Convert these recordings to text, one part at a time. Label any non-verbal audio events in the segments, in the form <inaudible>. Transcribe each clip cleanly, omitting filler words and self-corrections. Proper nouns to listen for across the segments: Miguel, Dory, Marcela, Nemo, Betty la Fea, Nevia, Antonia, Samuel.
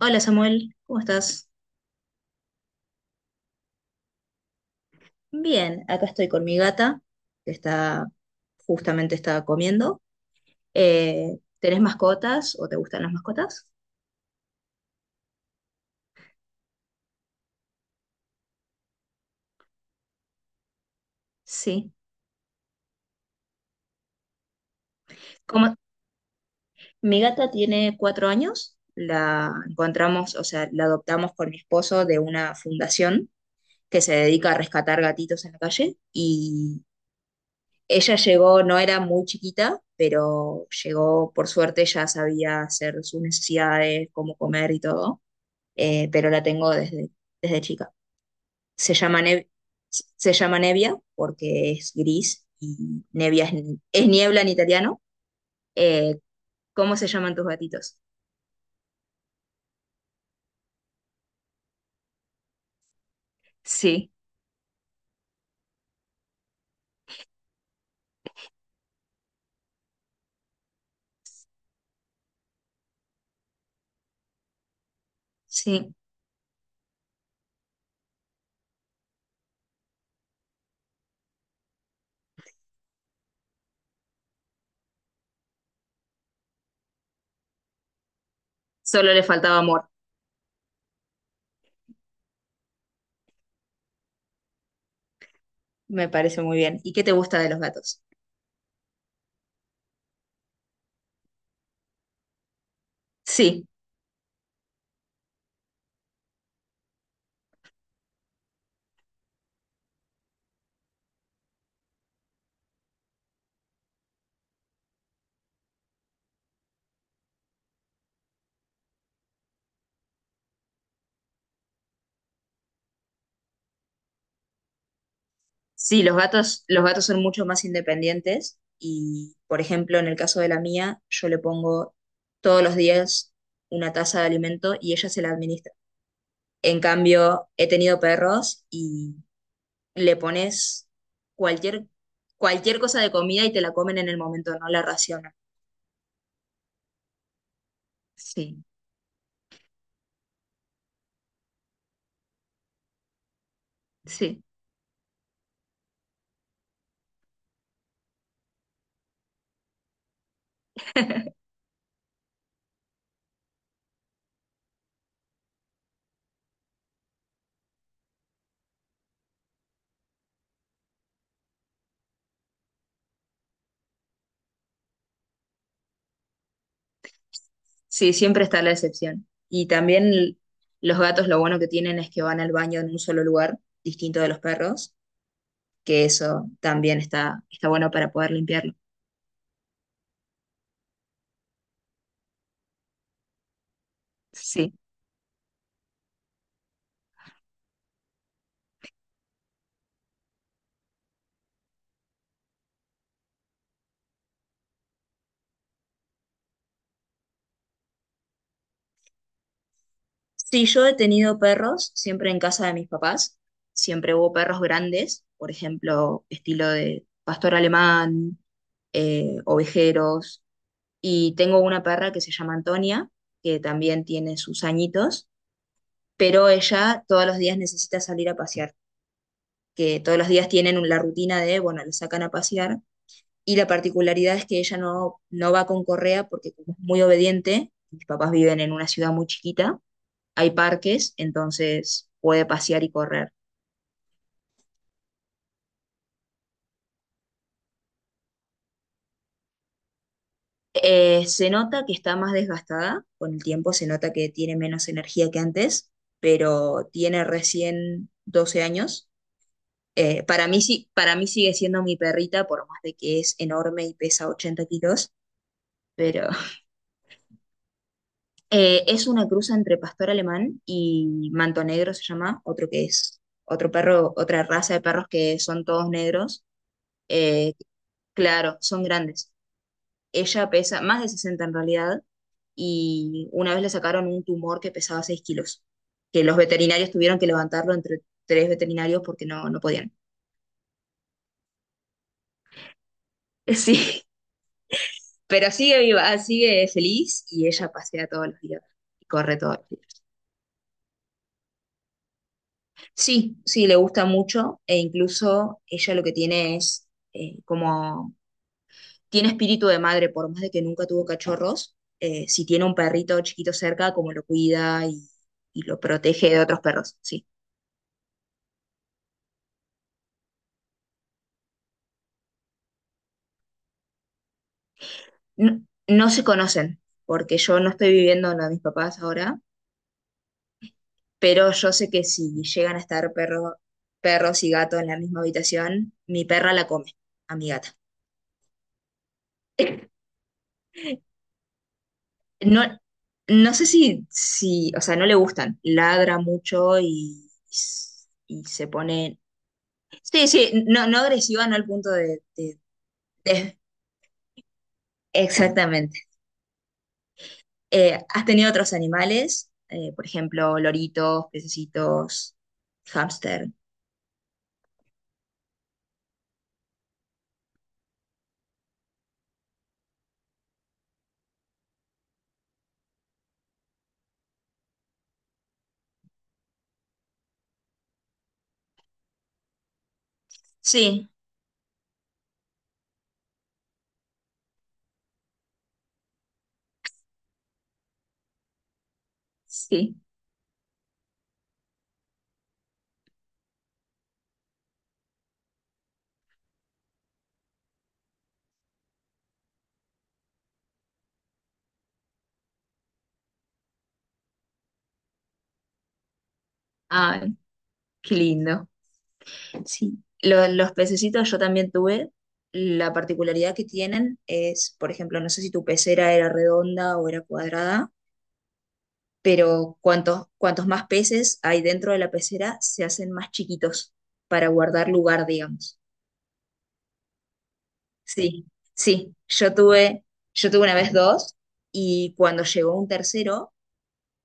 Hola Samuel, ¿cómo estás? Bien, acá estoy con mi gata, que está, justamente está comiendo. ¿Tenés mascotas o te gustan las mascotas? Sí. Como, mi gata tiene 4 años, la encontramos, o sea, la adoptamos con mi esposo de una fundación que se dedica a rescatar gatitos en la calle y ella llegó, no era muy chiquita, pero llegó, por suerte, ya sabía hacer sus necesidades, cómo comer y todo. Pero la tengo desde chica. Se llama, se llama Nevia porque es gris y Nevia es niebla en italiano. Eh, ¿Cómo se llaman tus gatitos? Sí, sí, solo le faltaba amor, me parece muy bien. ¿Y qué te gusta de los gatos? Sí, sí, los gatos son mucho más independientes y, por ejemplo, en el caso de la mía, yo le pongo todos los días una taza de alimento y ella se la administra. En cambio, he tenido perros y le pones cualquier, cualquier cosa de comida y te la comen en el momento, no la racionan. Sí, sí, <laughs> sí, siempre está la excepción. Y también los gatos lo bueno que tienen es que van al baño en un solo lugar, distinto de los perros, que eso también está bueno para poder limpiarlo. Sí. Sí, yo he tenido perros siempre en casa de mis papás. Siempre hubo perros grandes, por ejemplo, estilo de pastor alemán, ovejeros. Y tengo una perra que se llama Antonia, que también tiene sus añitos, pero ella todos los días necesita salir a pasear, que todos los días tienen la rutina de, bueno, la sacan a pasear. Y la particularidad es que ella no va con correa porque como es muy obediente, mis papás viven en una ciudad muy chiquita, hay parques, entonces puede pasear y correr. Se nota que está más desgastada con el tiempo, se nota que tiene menos energía que antes, pero tiene recién 12 años. Para mí, sí, para mí sigue siendo mi perrita, por más de que es enorme y pesa 80 kilos, pero <laughs> es una cruza entre pastor alemán y manto negro se llama, otro que es otro perro, otra raza de perros que son todos negros. eh, claro, son grandes. Ella pesa más de 60 en realidad y una vez le sacaron un tumor que pesaba 6 kilos, que los veterinarios tuvieron que levantarlo entre tres veterinarios porque no podían. <laughs> Sí. Pero sigue viva, sigue feliz y ella pasea todos los días y corre todos los días. Sí, sí, le gusta mucho e incluso ella lo que tiene es tiene espíritu de madre, por más de que nunca tuvo cachorros. Si tiene un perrito chiquito cerca, como lo cuida y lo protege de otros perros, sí. No, no se conocen, porque yo no estoy viviendo en la de mis papás ahora, pero yo sé que si llegan a estar perros y gatos en la misma habitación, mi perra la come a mi gata. No, no sé o sea, no le gustan. Ladra mucho y se pone. Sí, sí, no, no agresiva, no al punto de- exactamente. ¿Has tenido otros animales? Por ejemplo, loritos, pececitos, hámster. Sí, sí. Ay, qué lindo. Sí. Los pececitos yo también tuve. La particularidad que tienen es, por ejemplo, no sé si tu pecera era redonda o era cuadrada. Pero cuantos más peces hay dentro de la pecera, se hacen más chiquitos para guardar lugar, digamos. Sí, sí, yo yo tuve una vez dos y cuando llegó un tercero,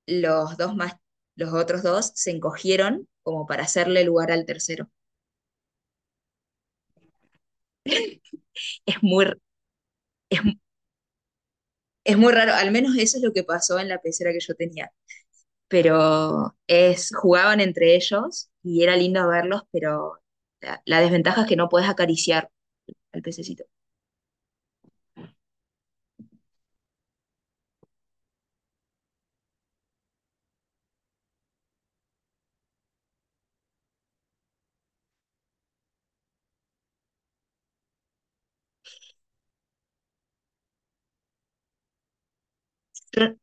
los dos los otros dos se encogieron como para hacerle lugar al tercero. Es es, es muy raro, al menos eso es lo que pasó en la pecera que yo tenía, pero es, jugaban entre ellos y era lindo verlos, pero la desventaja es que no puedes acariciar al pececito. Yo,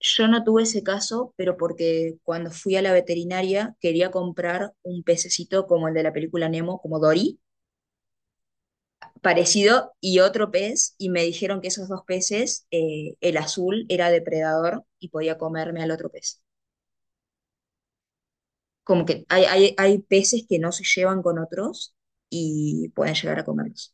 yo no tuve ese caso, pero porque cuando fui a la veterinaria quería comprar un pececito como el de la película Nemo, como Dory, parecido, y otro pez, y me dijeron que esos dos peces, el azul era depredador y podía comerme al otro pez. Como que hay peces que no se llevan con otros y pueden llegar a comerlos.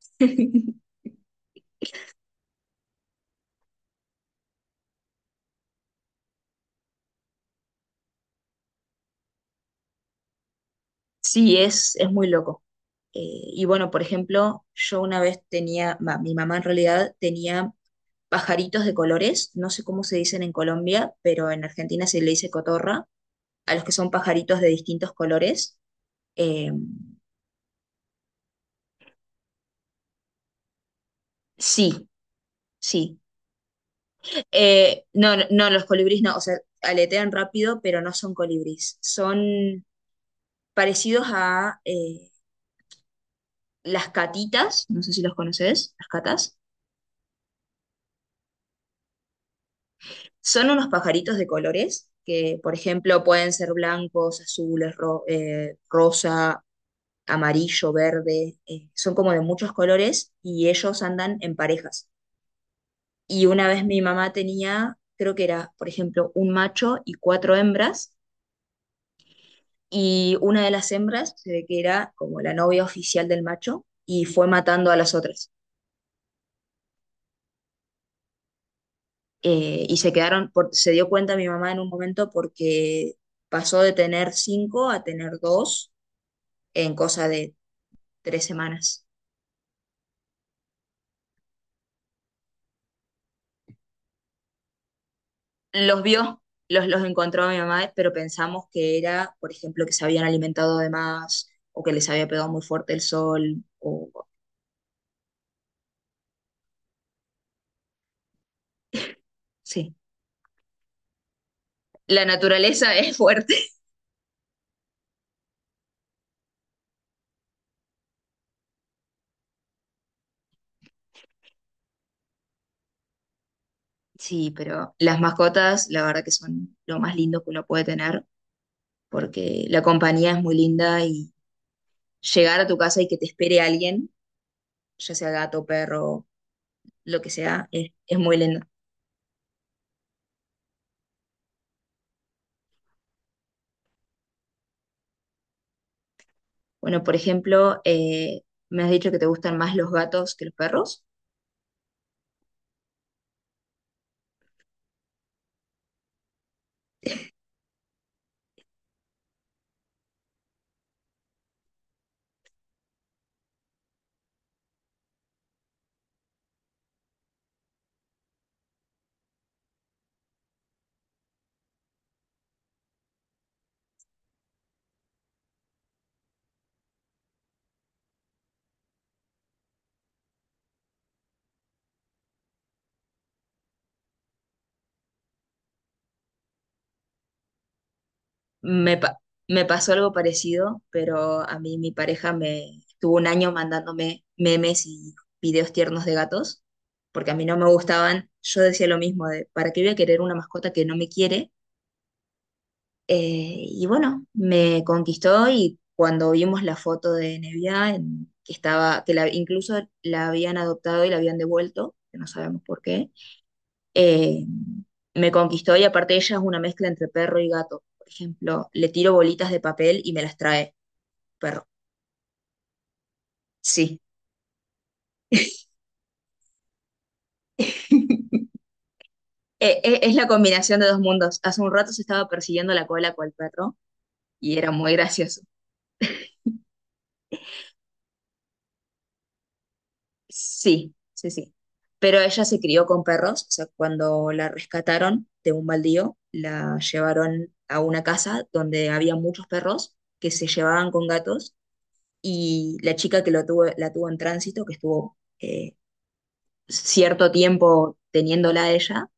<laughs> Sí, es muy loco. Eh, y bueno, por ejemplo, yo una vez tenía, mi mamá en realidad tenía pajaritos de colores, no sé cómo se dicen en Colombia, pero en Argentina se le dice cotorra, a los que son pajaritos de distintos colores. Eh, sí, sí. No, los colibríes no, o sea, aletean rápido, pero no son colibríes. Son parecidos a las catitas, no sé si los conoces, las catas. Son unos pajaritos de colores que, por ejemplo, pueden ser blancos, azules, ro rosa, amarillo, verde, son como de muchos colores y ellos andan en parejas. Y una vez mi mamá tenía, creo que era, por ejemplo, un macho y cuatro hembras, y una de las hembras se ve que era como la novia oficial del macho y fue matando a las otras. Y se quedaron, se dio cuenta mi mamá en un momento porque pasó de tener cinco a tener dos en cosa de 3 semanas. Los vio, los encontró mi mamá, pero pensamos que era, por ejemplo, que se habían alimentado de más o que les había pegado muy fuerte el sol. O, sí, la naturaleza <laughs> es fuerte. Sí, pero las mascotas, la verdad que son lo más lindo que uno puede tener porque la compañía es muy linda y llegar a tu casa y que te espere alguien, ya sea gato, perro, lo que sea, es muy lindo. Bueno, por ejemplo, me has dicho que te gustan más los gatos que los perros. Me, pa- Me pasó algo parecido, pero a mí mi pareja me estuvo un año mandándome memes y videos tiernos de gatos, porque a mí no me gustaban. Yo decía lo mismo, de, ¿para qué voy a querer una mascota que no me quiere? Y bueno, me conquistó y cuando vimos la foto de Nevia, que estaba, que incluso la habían adoptado y la habían devuelto, que no sabemos por qué. eh, Me conquistó y aparte ella es una mezcla entre perro y gato. Por ejemplo, le tiro bolitas de papel y me las trae, perro. Sí. <laughs> Es la combinación de dos mundos. Hace un rato se estaba persiguiendo la cola con el perro y era muy gracioso. Sí, sí, sí. Pero ella se crió con perros, o sea, cuando la rescataron de un baldío, la llevaron a una casa donde había muchos perros que se llevaban con gatos y la chica que lo tuvo, la tuvo en tránsito, que estuvo cierto tiempo teniéndola a ella,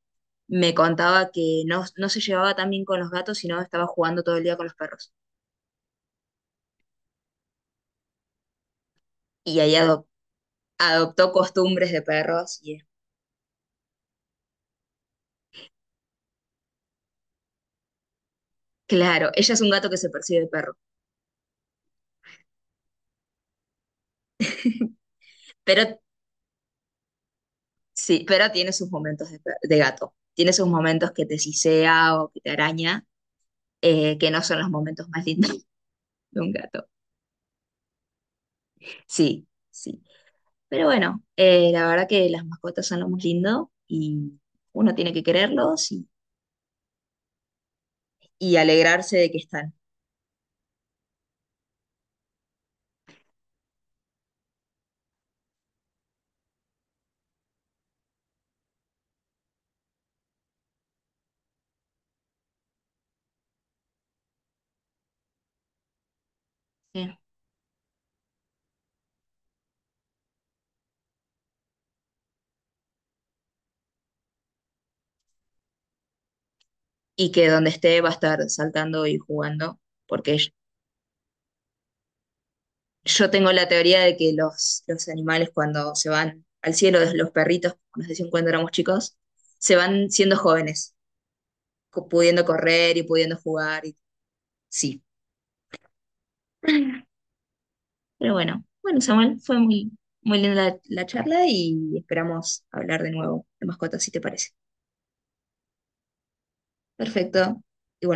me contaba que no, no se llevaba tan bien con los gatos, sino estaba jugando todo el día con los perros. Y ahí adoptó costumbres de perros claro, ella es un gato que se percibe de perro, pero sí, pero tiene sus momentos de gato. Tiene sus momentos que te sisea o que te araña, que no son los momentos más lindos <laughs> de un gato. Sí, sí. Pero bueno, la verdad que las mascotas son lo más lindo y uno tiene que quererlos y alegrarse de que están. Sí. Y que donde esté va a estar saltando y jugando, porque yo tengo la teoría de que los animales cuando se van al cielo, los perritos, como nos decían cuando éramos chicos, se van siendo jóvenes, pudiendo correr y pudiendo jugar, y sí. Pero bueno, Samuel, fue muy linda la charla y esperamos hablar de nuevo de mascotas, si te parece. Perfecto. Igual